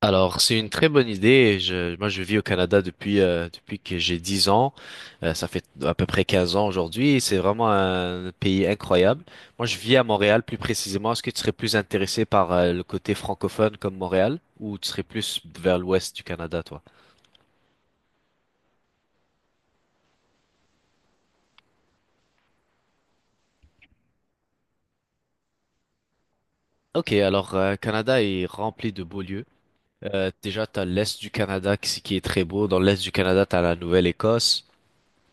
Alors, c'est une très bonne idée. Moi, je vis au Canada depuis, depuis que j'ai 10 ans. Ça fait à peu près 15 ans aujourd'hui. C'est vraiment un pays incroyable. Moi, je vis à Montréal plus précisément. Est-ce que tu serais plus intéressé par le côté francophone comme Montréal ou tu serais plus vers l'ouest du Canada, toi? Ok, alors, Canada est rempli de beaux lieux. Déjà, t'as l'est du Canada qui est très beau. Dans l'est du Canada, t'as la Nouvelle-Écosse.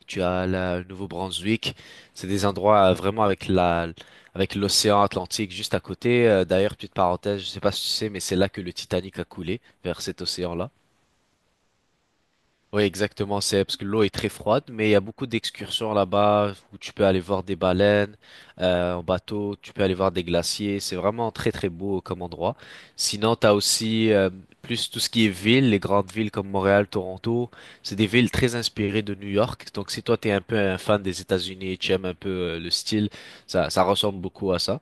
Tu as le Nouveau-Brunswick. C'est des endroits vraiment avec avec l'océan Atlantique juste à côté. D'ailleurs, petite parenthèse, je sais pas si tu sais, mais c'est là que le Titanic a coulé, vers cet océan-là. Oui, exactement, c'est parce que l'eau est très froide, mais il y a beaucoup d'excursions là-bas où tu peux aller voir des baleines en bateau, tu peux aller voir des glaciers, c'est vraiment très très beau comme endroit. Sinon, t'as aussi plus tout ce qui est ville, les grandes villes comme Montréal, Toronto, c'est des villes très inspirées de New York. Donc si toi t'es un peu un fan des États-Unis et tu aimes un peu le style, ça ressemble beaucoup à ça.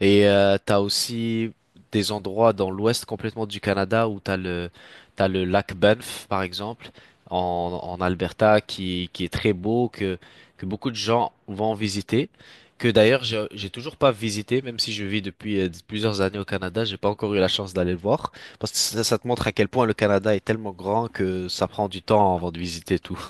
Et t'as aussi des endroits dans l'ouest complètement du Canada où t'as le lac Banff par exemple en Alberta qui est très beau que beaucoup de gens vont visiter, que d'ailleurs j'ai toujours pas visité même si je vis depuis plusieurs années au Canada. J'ai pas encore eu la chance d'aller le voir parce que ça te montre à quel point le Canada est tellement grand que ça prend du temps avant de visiter tout.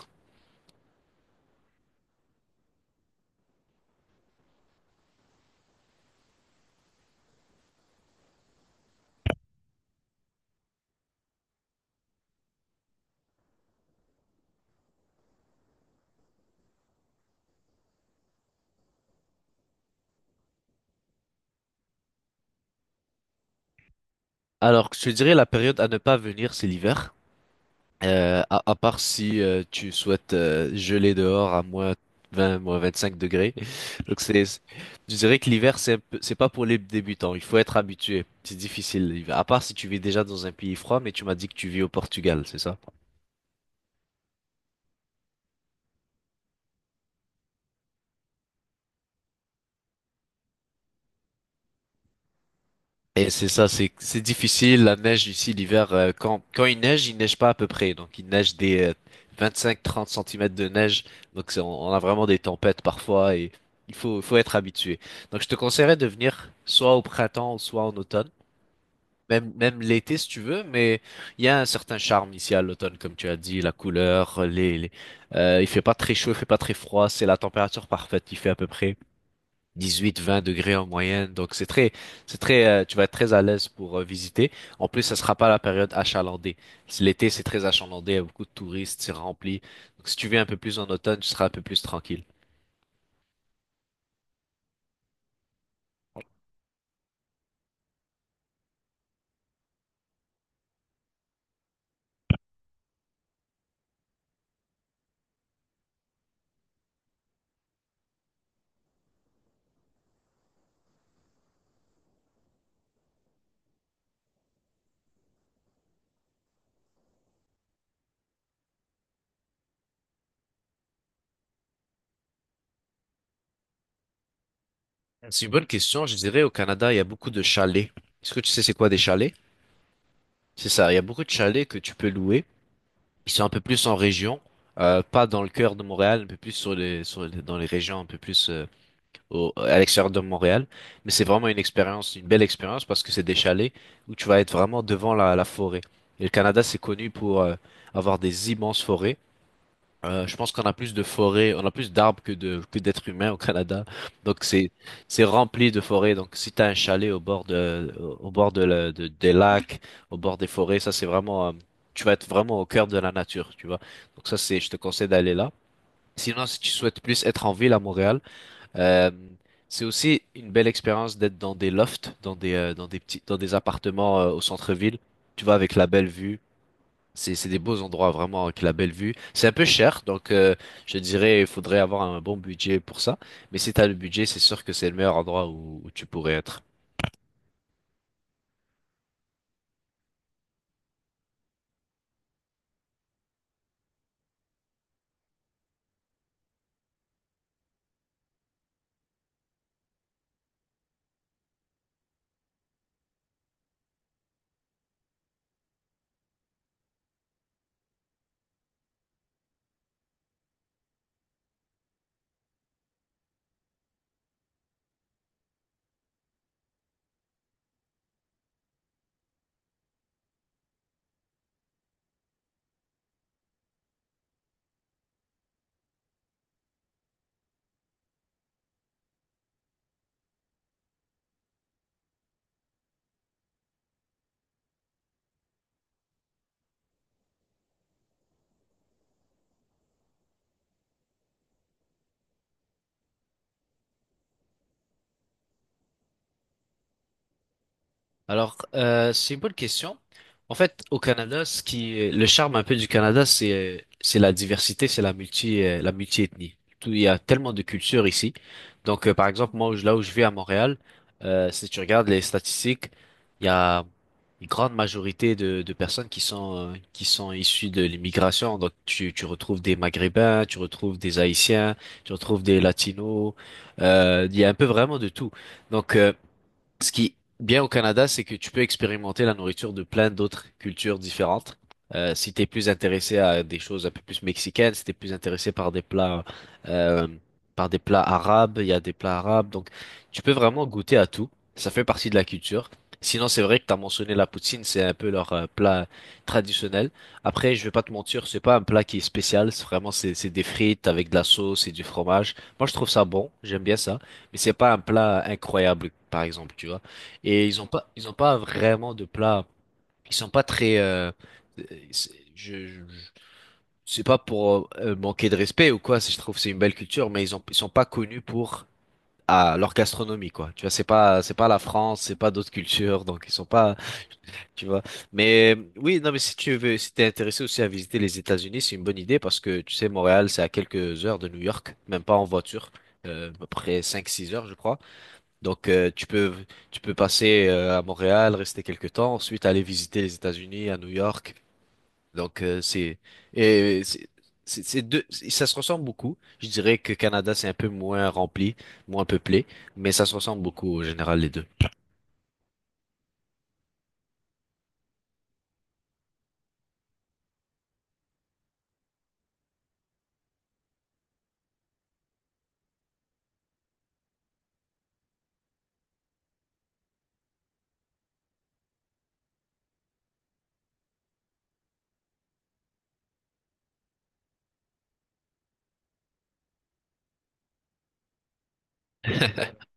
Alors je te dirais la période à ne pas venir c'est l'hiver. À part si tu souhaites geler dehors à moins 20, moins 25 degrés. Donc c'est, c'est- je dirais que l'hiver, c'est pas pour les débutants. Il faut être habitué. C'est difficile l'hiver. À part si tu vis déjà dans un pays froid, mais tu m'as dit que tu vis au Portugal, c'est ça? Et c'est ça, c'est difficile. La neige ici l'hiver, quand il neige pas à peu près. Donc il neige des 25-30 centimètres de neige. On, a vraiment des tempêtes parfois et il faut être habitué. Donc je te conseillerais de venir soit au printemps, soit en automne, même l'été si tu veux. Mais il y a un certain charme ici à l'automne, comme tu as dit, la couleur, les il fait pas très chaud, il fait pas très froid, c'est la température parfaite. Il fait à peu près 18 20 degrés en moyenne. C'est très, tu vas être très à l'aise pour visiter. En plus, ça sera pas la période achalandée. L'été, c'est très achalandé, il y a beaucoup de touristes, c'est rempli. Donc si tu viens un peu plus en automne, tu seras un peu plus tranquille. C'est une bonne question. Je dirais au Canada, il y a beaucoup de chalets. Est-ce que tu sais c'est quoi des chalets? C'est ça. Il y a beaucoup de chalets que tu peux louer. Ils sont un peu plus en région, pas dans le cœur de Montréal, un peu plus sur dans les régions un peu plus à l'extérieur de Montréal. Mais c'est vraiment une expérience, une belle expérience parce que c'est des chalets où tu vas être vraiment devant la forêt. Et le Canada, c'est connu pour avoir des immenses forêts. Je pense qu'on a plus de forêts, on a plus d'arbres que de que d'êtres humains au Canada. Donc c'est c'est rempli de forêts. Donc si t'as un chalet au bord de, des lacs, au bord des forêts, ça c'est vraiment tu vas être vraiment au cœur de la nature, tu vois. Donc ça c'est, je te conseille d'aller là. Sinon si tu souhaites plus être en ville à Montréal, euh, c'est aussi une belle expérience d'être dans des lofts, dans des petits, dans des appartements au centre-ville. Tu vois, avec la belle vue. C'est des beaux endroits vraiment avec la belle vue. C'est un peu cher, donc je dirais il faudrait avoir un bon budget pour ça. Mais si t'as le budget, c'est sûr que c'est le meilleur endroit où tu pourrais être. Alors, c'est une bonne question. En fait, au Canada, le charme un peu du Canada, c'est la diversité, c'est la la multi-ethnie. Il y a tellement de cultures ici. Donc, par exemple, moi, là où je vis à Montréal, si tu regardes les statistiques, il y a une grande majorité de personnes qui sont issues de l'immigration. Donc, tu retrouves des Maghrébins, tu retrouves des Haïtiens, tu retrouves des Latinos. Il y a un peu vraiment de tout. Donc, euh, Ce qui est bien au Canada, c'est que tu peux expérimenter la nourriture de plein d'autres cultures différentes. Si t'es plus intéressé à des choses un peu plus mexicaines, si t'es plus intéressé euh, par des plats arabes, il y a des plats arabes. Donc, tu peux vraiment goûter à tout. Ça fait partie de la culture. Sinon, c'est vrai que t'as mentionné la poutine, c'est un peu leur plat traditionnel. Après, je vais pas te mentir, c'est pas un plat qui est spécial. C'est vraiment, C'est des frites avec de la sauce et du fromage. Moi, je trouve ça bon. J'aime bien ça. Mais c'est pas un plat incroyable, par exemple, tu vois. Et ils ont pas vraiment de plat. Ils sont pas très. Euh, c'est- je, je- je- c'est pas pour manquer de respect ou quoi. Je trouve que c'est une belle culture, mais ils sont pas connus pour leur gastronomie, quoi. Tu vois, c'est pas la France, c'est pas d'autres cultures, donc ils sont pas, tu vois. Mais oui, non, mais si tu veux, si t'es intéressé aussi à visiter les États-Unis, c'est une bonne idée parce que tu sais, Montréal, c'est à quelques heures de New York, même pas en voiture, à peu près 5 6 heures, je crois. Donc, tu peux passer à Montréal, rester quelques temps, ensuite aller visiter les États-Unis, à New York. Donc, euh, c'est, et c'est, c'est ça se ressemble beaucoup. Je dirais que Canada, c'est un peu moins rempli, moins peuplé, mais ça se ressemble beaucoup au général, les deux.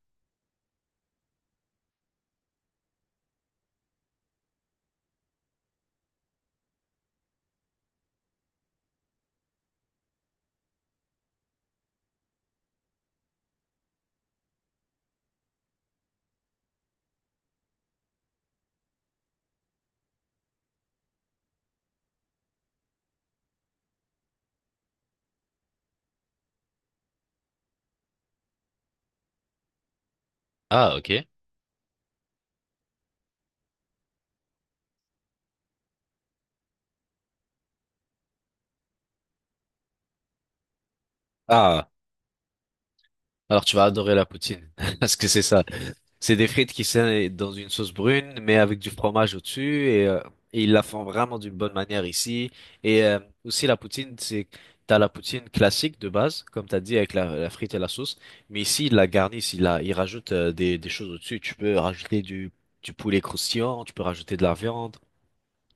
Ah, ok. Ah, alors tu vas adorer la poutine, parce que c'est ça. C'est des frites qui sont dans une sauce brune, mais avec du fromage au-dessus, et, euh, et ils la font vraiment d'une bonne manière ici. Et aussi la poutine, c'est t'as la poutine classique de base, comme t'as dit avec la frite et la sauce, mais ici ils la garnissent, ils rajoutent des choses au-dessus. Tu peux rajouter du poulet croustillant, tu peux rajouter de la viande.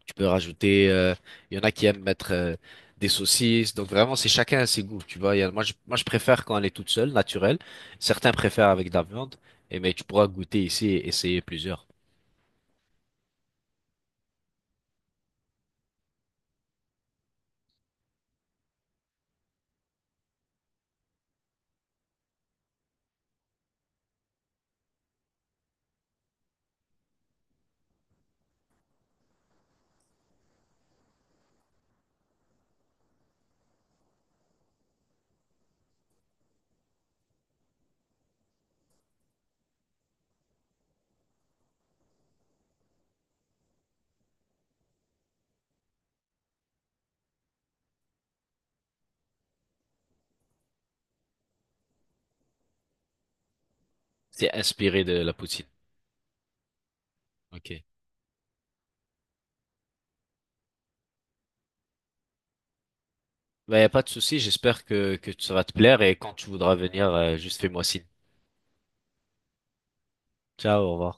Tu peux rajouter, il y en a qui aiment mettre des saucisses. Donc vraiment, c'est chacun à ses goûts, tu vois. Il y a- moi, je préfère quand elle est toute seule, naturelle. Certains préfèrent avec de la viande. Et mais tu pourras goûter ici et essayer plusieurs. C'est inspiré de la poutine. Ok. Bah, y a pas de souci. J'espère que ça va te plaire. Et quand tu voudras venir, juste fais-moi signe. Ciao, au revoir.